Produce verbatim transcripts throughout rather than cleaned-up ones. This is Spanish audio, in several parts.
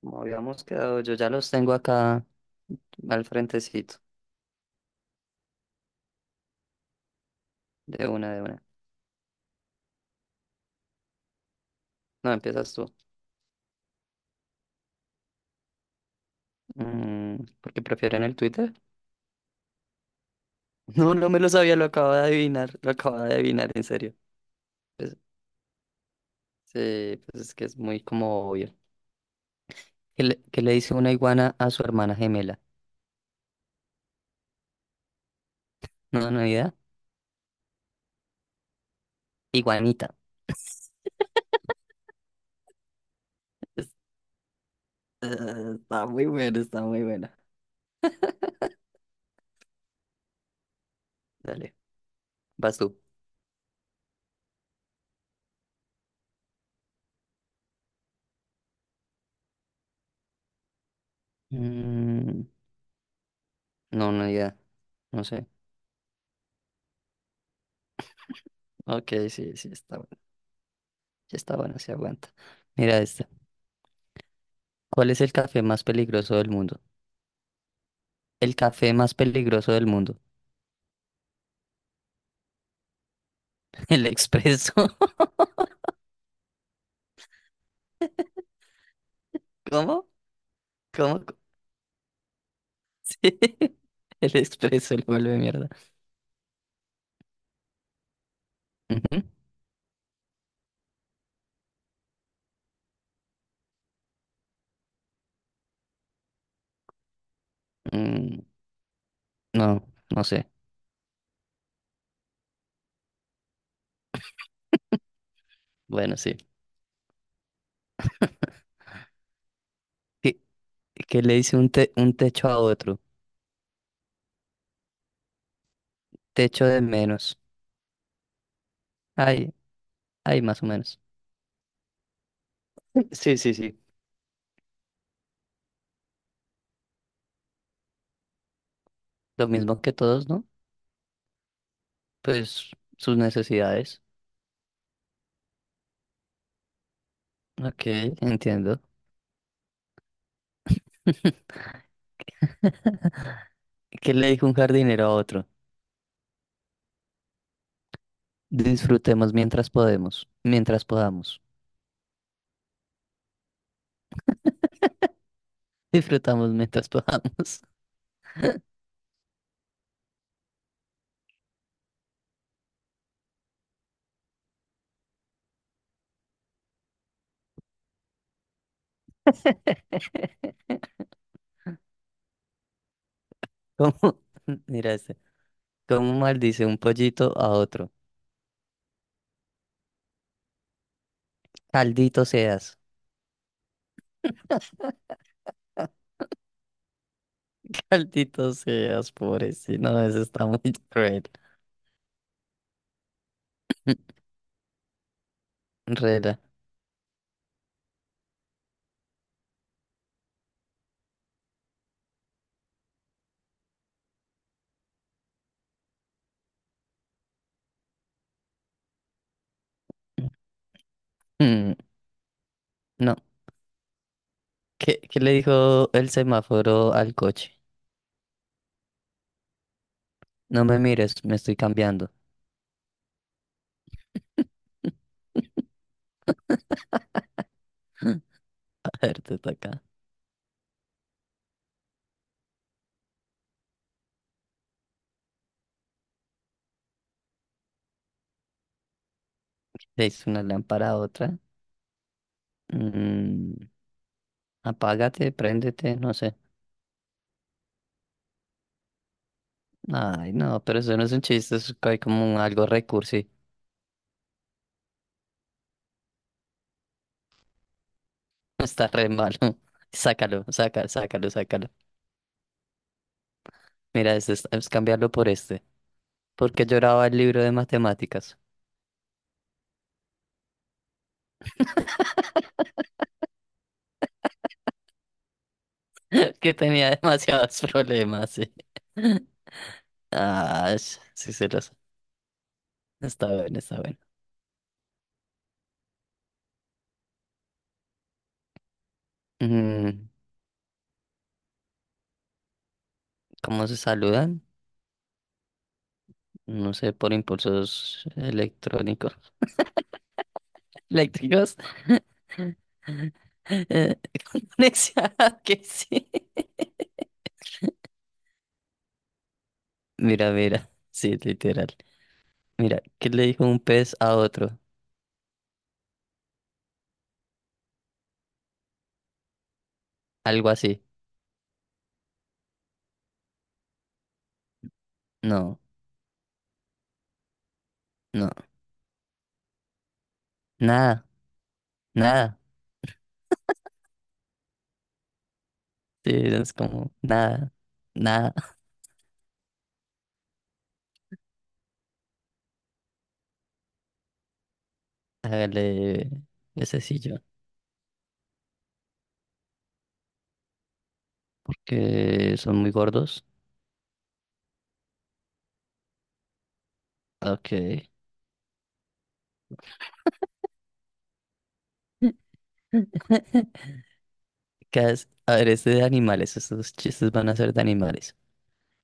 Como habíamos quedado, yo ya los tengo acá al frentecito, de una, de una. No, empiezas tú. Mm, ¿Por qué prefieren el Twitter? No, no me lo sabía, lo acabo de adivinar, lo acabo de adivinar, en serio. Pues, sí, pues es que es muy como obvio. ¿Qué le, qué le dice una iguana a su hermana gemela? No, no hay idea. Iguanita. Es- eh, Está muy buena, está muy buena. Dale, vas tú. Mm, no, no hay idea, no sé. Ok, sí, sí, está bueno, sí está bueno, se aguanta. Mira esta. ¿Cuál es el café más peligroso del mundo? El café más peligroso del mundo. El expreso. ¿Cómo? ¿Cómo? Sí. El expreso, el vuelve mierda. Ujú. Mm, no, no sé. Bueno, sí. ¿Qué, qué le dice un, te- un techo a otro? Techo de menos. Ay, ay, más o menos. Sí, sí, sí. Lo mismo que todos, ¿no? Pues sus necesidades. Ok, entiendo. ¿Qué le dijo un jardinero a otro? Disfrutemos mientras podemos, mientras podamos. Disfrutamos mientras podamos. ¿Cómo? Mira este. ¿Cómo maldice un pollito a otro? Caldito seas. Caldito seas, pobrecito. No, eso está muy cruel. Rela. Mm, No. ¿Qué, qué le dijo el semáforo al coche? No me mires, me estoy cambiando. A ver, te toca. Le hizo una lámpara a otra. Mm, apágate, préndete, no sé. Ay, no, pero eso no es un chiste, es hay como un algo recursi. Está re malo. Sácalo, sácalo, sácalo, sácalo. Mira, este es, es cambiarlo por este. Porque lloraba el libro de matemáticas. Que tenía demasiados problemas, sí. Ah, sh- sí se los. Está bien, está bien. Mm, ¿cómo se saludan? No sé, por impulsos electrónicos. Eléctricos. Eh, conexión, que sí. Mira, mira, sí, literal. Mira, ¿qué le dijo un pez a otro? Algo así. No, no, nada, nada. Sí, es como nada, nada. Hágale ese sillo. Que son muy gordos. Ok. ¿Qué hace? A ver, este de animales. Estos chistes van a ser de animales.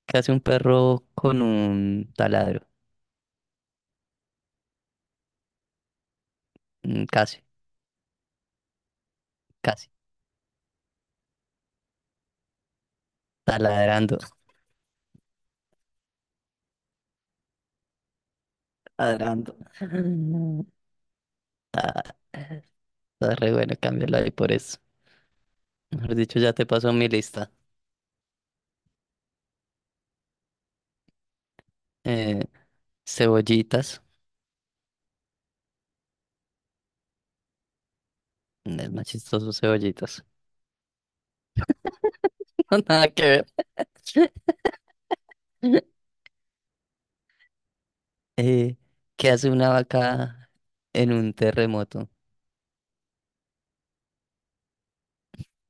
¿Qué hace un perro con un taladro? Mm, Casi, casi. Taladrando. Taladrando. Ah, está re bueno, cámbialo ahí por eso. Mejor dicho, ya te pasó mi lista. Eh, cebollitas. mm, Es más chistoso cebollitas. Nada que ver. Eh, ¿qué hace una vaca en un terremoto?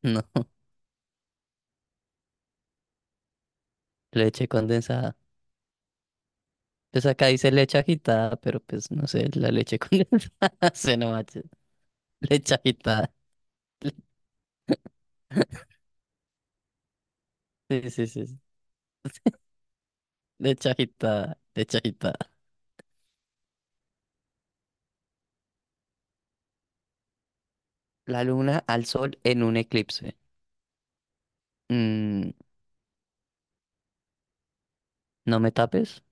No, leche condensada. Pues acá dice leche agitada, pero pues no sé, la leche condensada. Se no manches. Leche agitada. Sí, sí, sí. Sí. Leche agitada, leche agitada. La luna al sol en un eclipse. Mm, ¿no me tapes?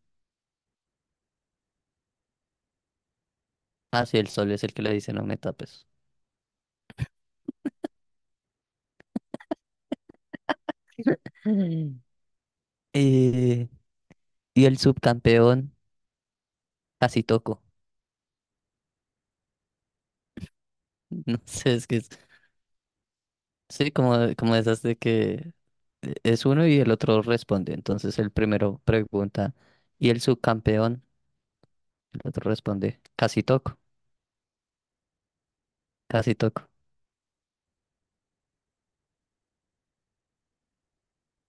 Ah, sí, el sol es el que le dice no me tapes. Eh, y el subcampeón casi toco. No sé, es que es, sí, como, como esas de que eh, es uno y el otro responde. Entonces el primero pregunta, ¿y el subcampeón? El otro responde, casi toco, casi toco.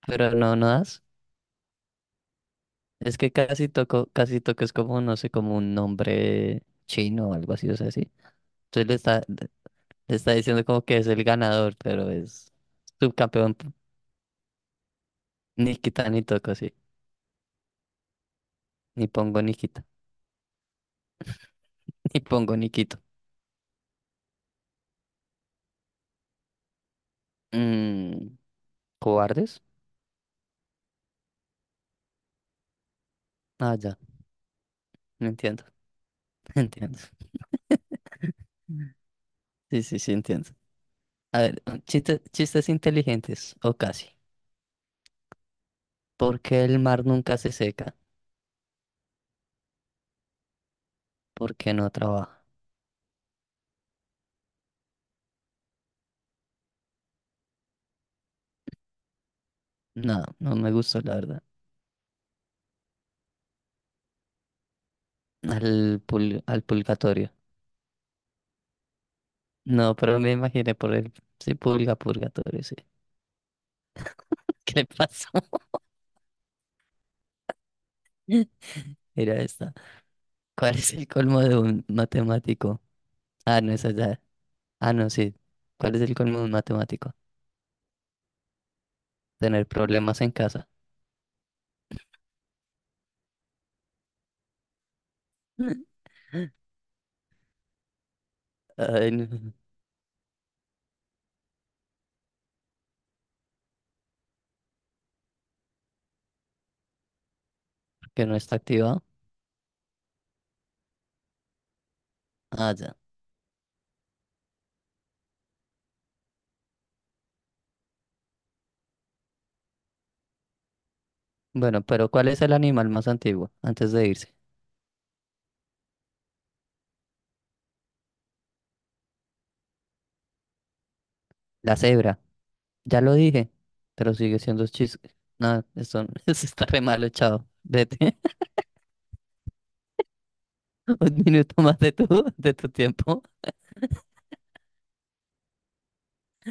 Pero no, no das. Es que casi toco, casi toco es como, no sé, como un nombre chino o algo así, o sea, así. Entonces le está, le está diciendo como que es el ganador, pero es subcampeón. Nikita ni quita ni toco, sí. Ni pongo ni quita. Y pongo Nikito. Mm, ¿cobardes? Ah, ya, entiendo, entiendo. Sí, sí, sí, entiendo. A ver, chistes, chistes inteligentes, o casi. ¿Por qué el mar nunca se seca? ¿Por qué no trabaja? No, no me gustó, la verdad. Al, pul- al purgatorio. No, pero me imaginé por el... Sí, pulga, purgatorio, sí. ¿Qué le pasó? Mira esta. ¿Cuál es el colmo de un matemático? Ah, no, esa ya. Ah, no, sí. ¿Cuál es el colmo de un matemático? Tener problemas en casa. Ay, no, que no está activado. Ah, ya. Bueno, pero ¿cuál es el animal más antiguo antes de irse? La cebra. Ya lo dije, pero sigue siendo chis. No, eso, eso está re malo, chao. Vete un minuto más de tu, de tu tiempo,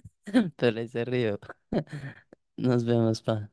pero ahí se río. Nos vemos, pa.